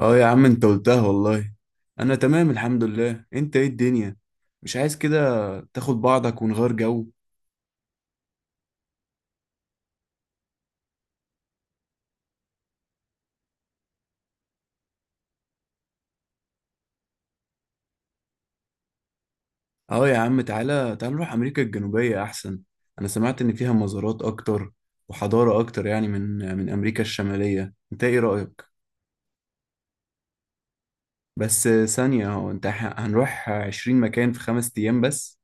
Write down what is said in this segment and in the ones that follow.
اه، يا عم انت قلتها والله. انا تمام الحمد لله. انت ايه الدنيا؟ مش عايز كده تاخد بعضك ونغير جو؟ اه، يا عم تعالى تعالى نروح امريكا الجنوبية احسن. انا سمعت ان فيها مزارات اكتر وحضارة اكتر، يعني من امريكا الشمالية. انت ايه رأيك؟ بس ثانية، هو انت هنروح عشرين مكان في خمس ايام بس؟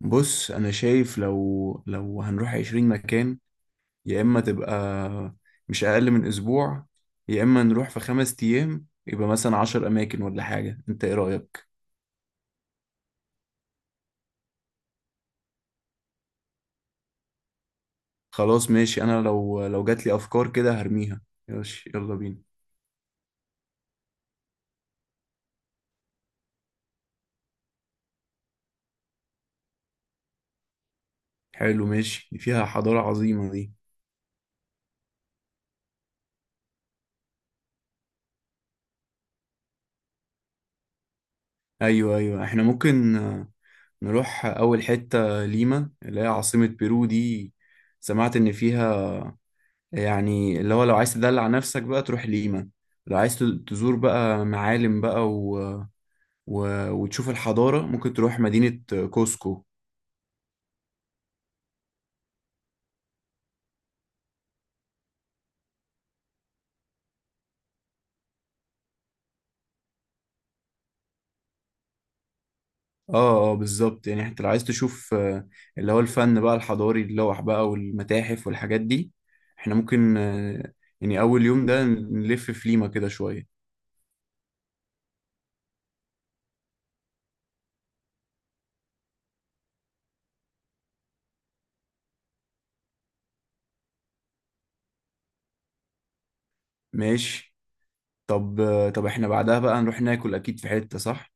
بص انا شايف لو هنروح عشرين مكان، يا إما تبقى مش أقل من أسبوع، يا إما نروح في خمس أيام يبقى مثلا عشر أماكن ولا حاجة. أنت إيه رأيك؟ خلاص ماشي. أنا لو جات لي أفكار كده هرميها. ماشي يلا بينا. حلو ماشي، دي فيها حضارة عظيمة دي. أيوه أيوه، إحنا ممكن نروح أول حتة ليما اللي هي عاصمة بيرو دي. سمعت إن فيها، يعني اللي هو لو عايز تدلع نفسك بقى تروح ليما، لو عايز تزور بقى معالم بقى وتشوف الحضارة ممكن تروح مدينة كوسكو. اه اه بالظبط. يعني انت لو عايز تشوف اللي هو الفن بقى الحضاري، اللوح بقى والمتاحف والحاجات دي، احنا ممكن يعني أول يوم ده نلف في ليما كده شوية. ماشي. طب احنا بعدها بقى نروح ناكل أكيد في حتة، صح؟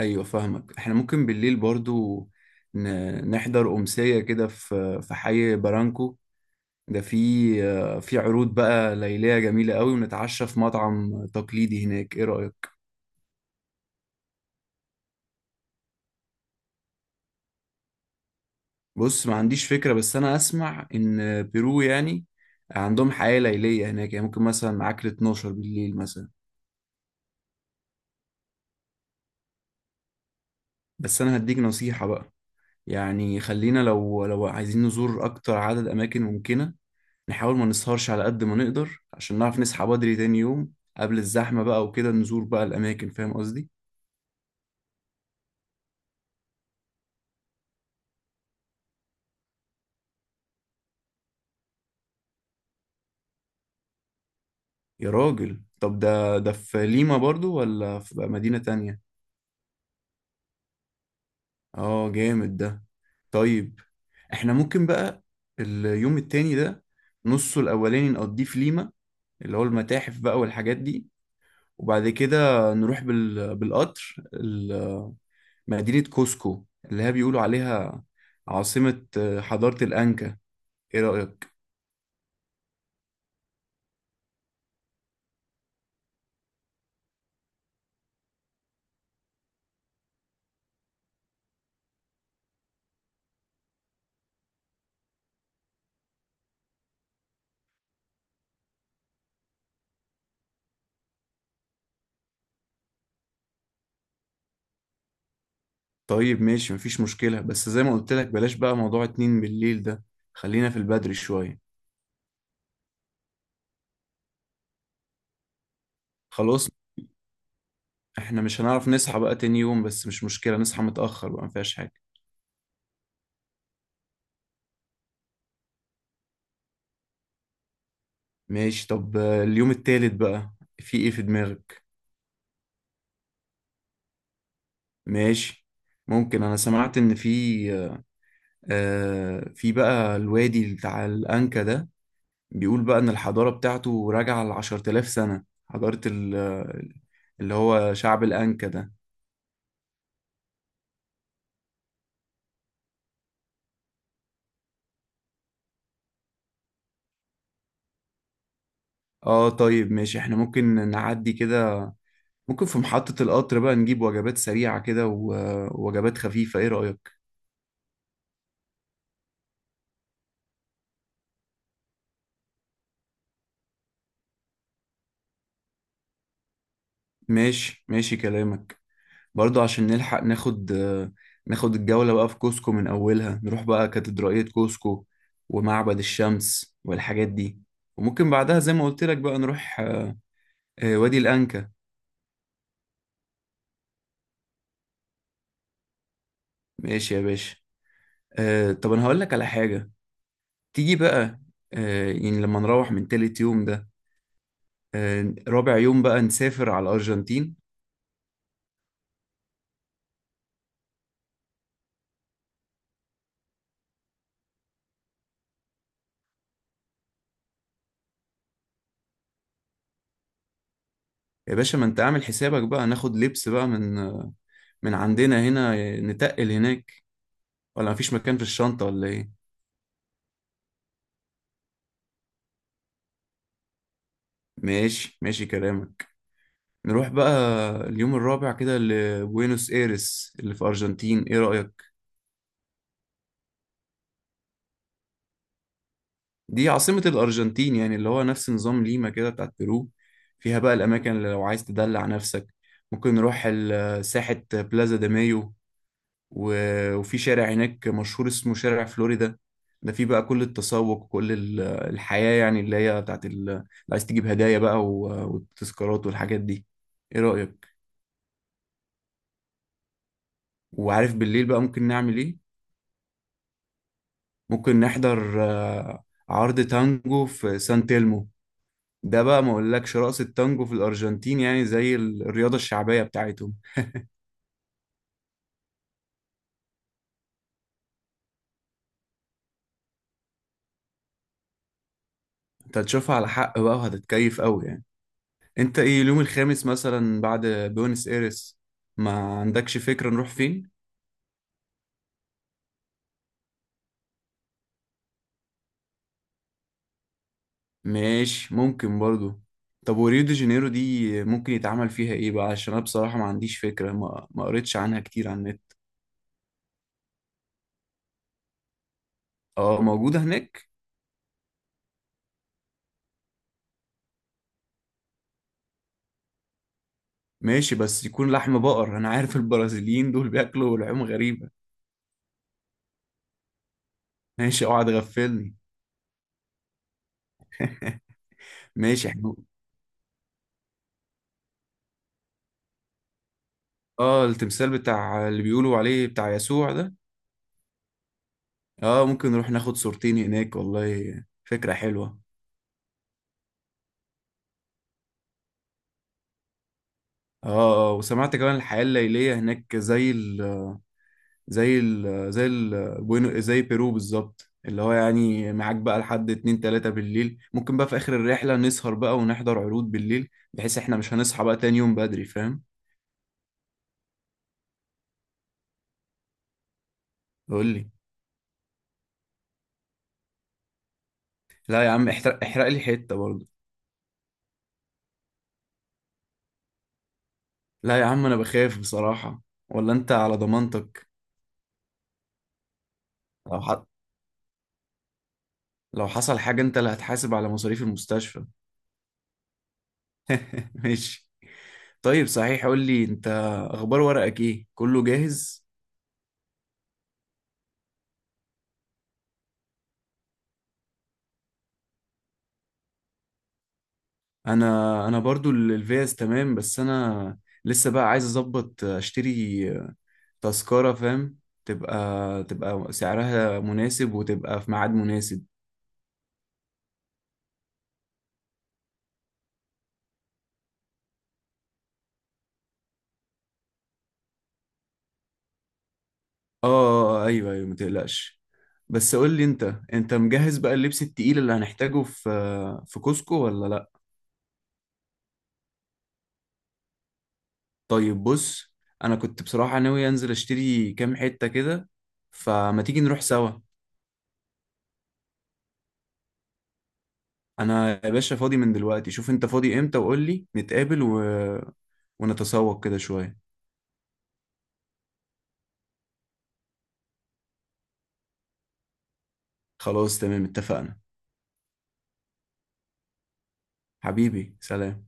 أيوة فاهمك. احنا ممكن بالليل برضو نحضر أمسية كده في حي برانكو. ده في في عروض بقى ليلية جميلة قوي، ونتعشى في مطعم تقليدي هناك. ايه رأيك؟ بص ما عنديش فكرة، بس انا اسمع ان بيرو يعني عندهم حياة ليلية هناك، يعني ممكن مثلا معاك ل 12 بالليل مثلا. بس انا هديك نصيحة بقى. يعني خلينا لو عايزين نزور اكتر عدد اماكن ممكنة، نحاول ما نسهرش على قد ما نقدر عشان نعرف نصحى بدري تاني يوم قبل الزحمة بقى، وكده نزور بقى الاماكن، فاهم قصدي؟ يا راجل، طب ده في ليما برضو ولا في بقى مدينة تانية؟ اه جامد ده. طيب احنا ممكن بقى اليوم التاني ده نصه الاولاني نقضيه في ليما، اللي هو المتاحف بقى والحاجات دي، وبعد كده نروح بالقطر مدينة كوسكو اللي هي بيقولوا عليها عاصمة حضارة الأنكا. ايه رأيك؟ طيب ماشي مفيش مشكلة، بس زي ما قلت لك بلاش بقى موضوع اتنين بالليل ده، خلينا في البدري شوية. خلاص. احنا مش هنعرف نصحى بقى تاني يوم، بس مش مشكلة نصحى متأخر بقى مفيهاش حاجة. ماشي. طب اليوم التالت بقى، في ايه في دماغك؟ ماشي ممكن. انا سمعت ان في في بقى الوادي بتاع الانكا ده، بيقول بقى ان الحضارة بتاعته راجعة لعشرة آلاف سنة، حضارة اللي هو شعب الانكا ده. اه طيب ماشي. احنا ممكن نعدي كده. ممكن في محطة القطر بقى نجيب وجبات سريعة كده ووجبات خفيفة. ايه رأيك؟ ماشي ماشي كلامك. برضو عشان نلحق ناخد الجولة بقى في كوسكو من أولها، نروح بقى كاتدرائية كوسكو ومعبد الشمس والحاجات دي، وممكن بعدها زي ما قلت لك بقى نروح وادي الأنكا. ماشي يا باشا. طب أنا هقول لك على حاجة. تيجي بقى يعني لما نروح من تالت يوم ده، رابع يوم بقى نسافر على الأرجنتين. يا باشا، ما أنت عامل حسابك بقى ناخد لبس بقى من من عندنا هنا، نتقل هناك، ولا مفيش مكان في الشنطة ولا إيه؟ ماشي ماشي كلامك. نروح بقى اليوم الرابع كده لبوينوس ايرس اللي في أرجنتين. ايه رأيك؟ دي عاصمة الأرجنتين، يعني اللي هو نفس نظام ليما كده بتاعت بيرو. فيها بقى الأماكن اللي لو عايز تدلع نفسك ممكن نروح ساحة بلازا دي مايو، وفي شارع هناك مشهور اسمه شارع فلوريدا، ده فيه بقى كل التسوق وكل الحياة، يعني اللي هي بتاعت اللي عايز تجيب هدايا بقى والتذكارات والحاجات دي. ايه رأيك؟ وعارف بالليل بقى ممكن نعمل ايه؟ ممكن نحضر عرض تانجو في سان تيلمو. ده بقى ما اقولكش، رقص التانجو في الارجنتين يعني زي الرياضة الشعبية بتاعتهم. انت هتشوفها على حق بقى وهتتكيف قوي. يعني انت ايه اليوم الخامس مثلا بعد بيونس ايرس، ما عندكش فكرة نروح فين؟ ماشي ممكن برضو. طب وريو دي جانيرو دي ممكن يتعمل فيها ايه بقى؟ عشان انا بصراحة ما عنديش فكرة، ما قريتش عنها كتير على النت. اه موجودة هناك. ماشي، بس يكون لحم بقر، انا عارف البرازيليين دول بياكلوا لحوم غريبة. ماشي اوعى تغفلني. ماشي. احنا اه، التمثال بتاع اللي بيقولوا عليه بتاع يسوع ده. اه ممكن نروح ناخد صورتين هناك والله، فكرة حلوة. اه اه، وسمعت كمان الحياة الليلية هناك زي زي ال زي ال زي بيرو بالظبط، اللي هو يعني معاك بقى لحد اتنين تلاتة بالليل. ممكن بقى في آخر الرحلة نسهر بقى ونحضر عروض بالليل، بحيث احنا مش هنصحى بقى تاني يوم بدري، فاهم. قول لي. لا يا عم احرق احرق لي حتة برضه. لا يا عم، انا بخاف بصراحة. ولا انت على ضمانتك؟ لو ح... لو حصل حاجة انت اللي هتحاسب على مصاريف المستشفى. ماشي. طيب صحيح قول لي انت، اخبار ورقك ايه، كله جاهز؟ انا برضو الفيز تمام، بس انا لسه بقى عايز اظبط اشتري تذكرة، فاهم، تبقى سعرها مناسب وتبقى في ميعاد مناسب. ايوه ايوه متقلقش. بس قول لي انت مجهز بقى اللبس التقيل اللي هنحتاجه في كوسكو ولا لا؟ طيب بص، انا كنت بصراحة ناوي انزل اشتري كام حتة كده، فما تيجي نروح سوا. انا يا باشا فاضي من دلوقتي. شوف انت فاضي امتى وقول لي نتقابل ونتسوق كده شوية. خلاص تمام اتفقنا. حبيبي سلام.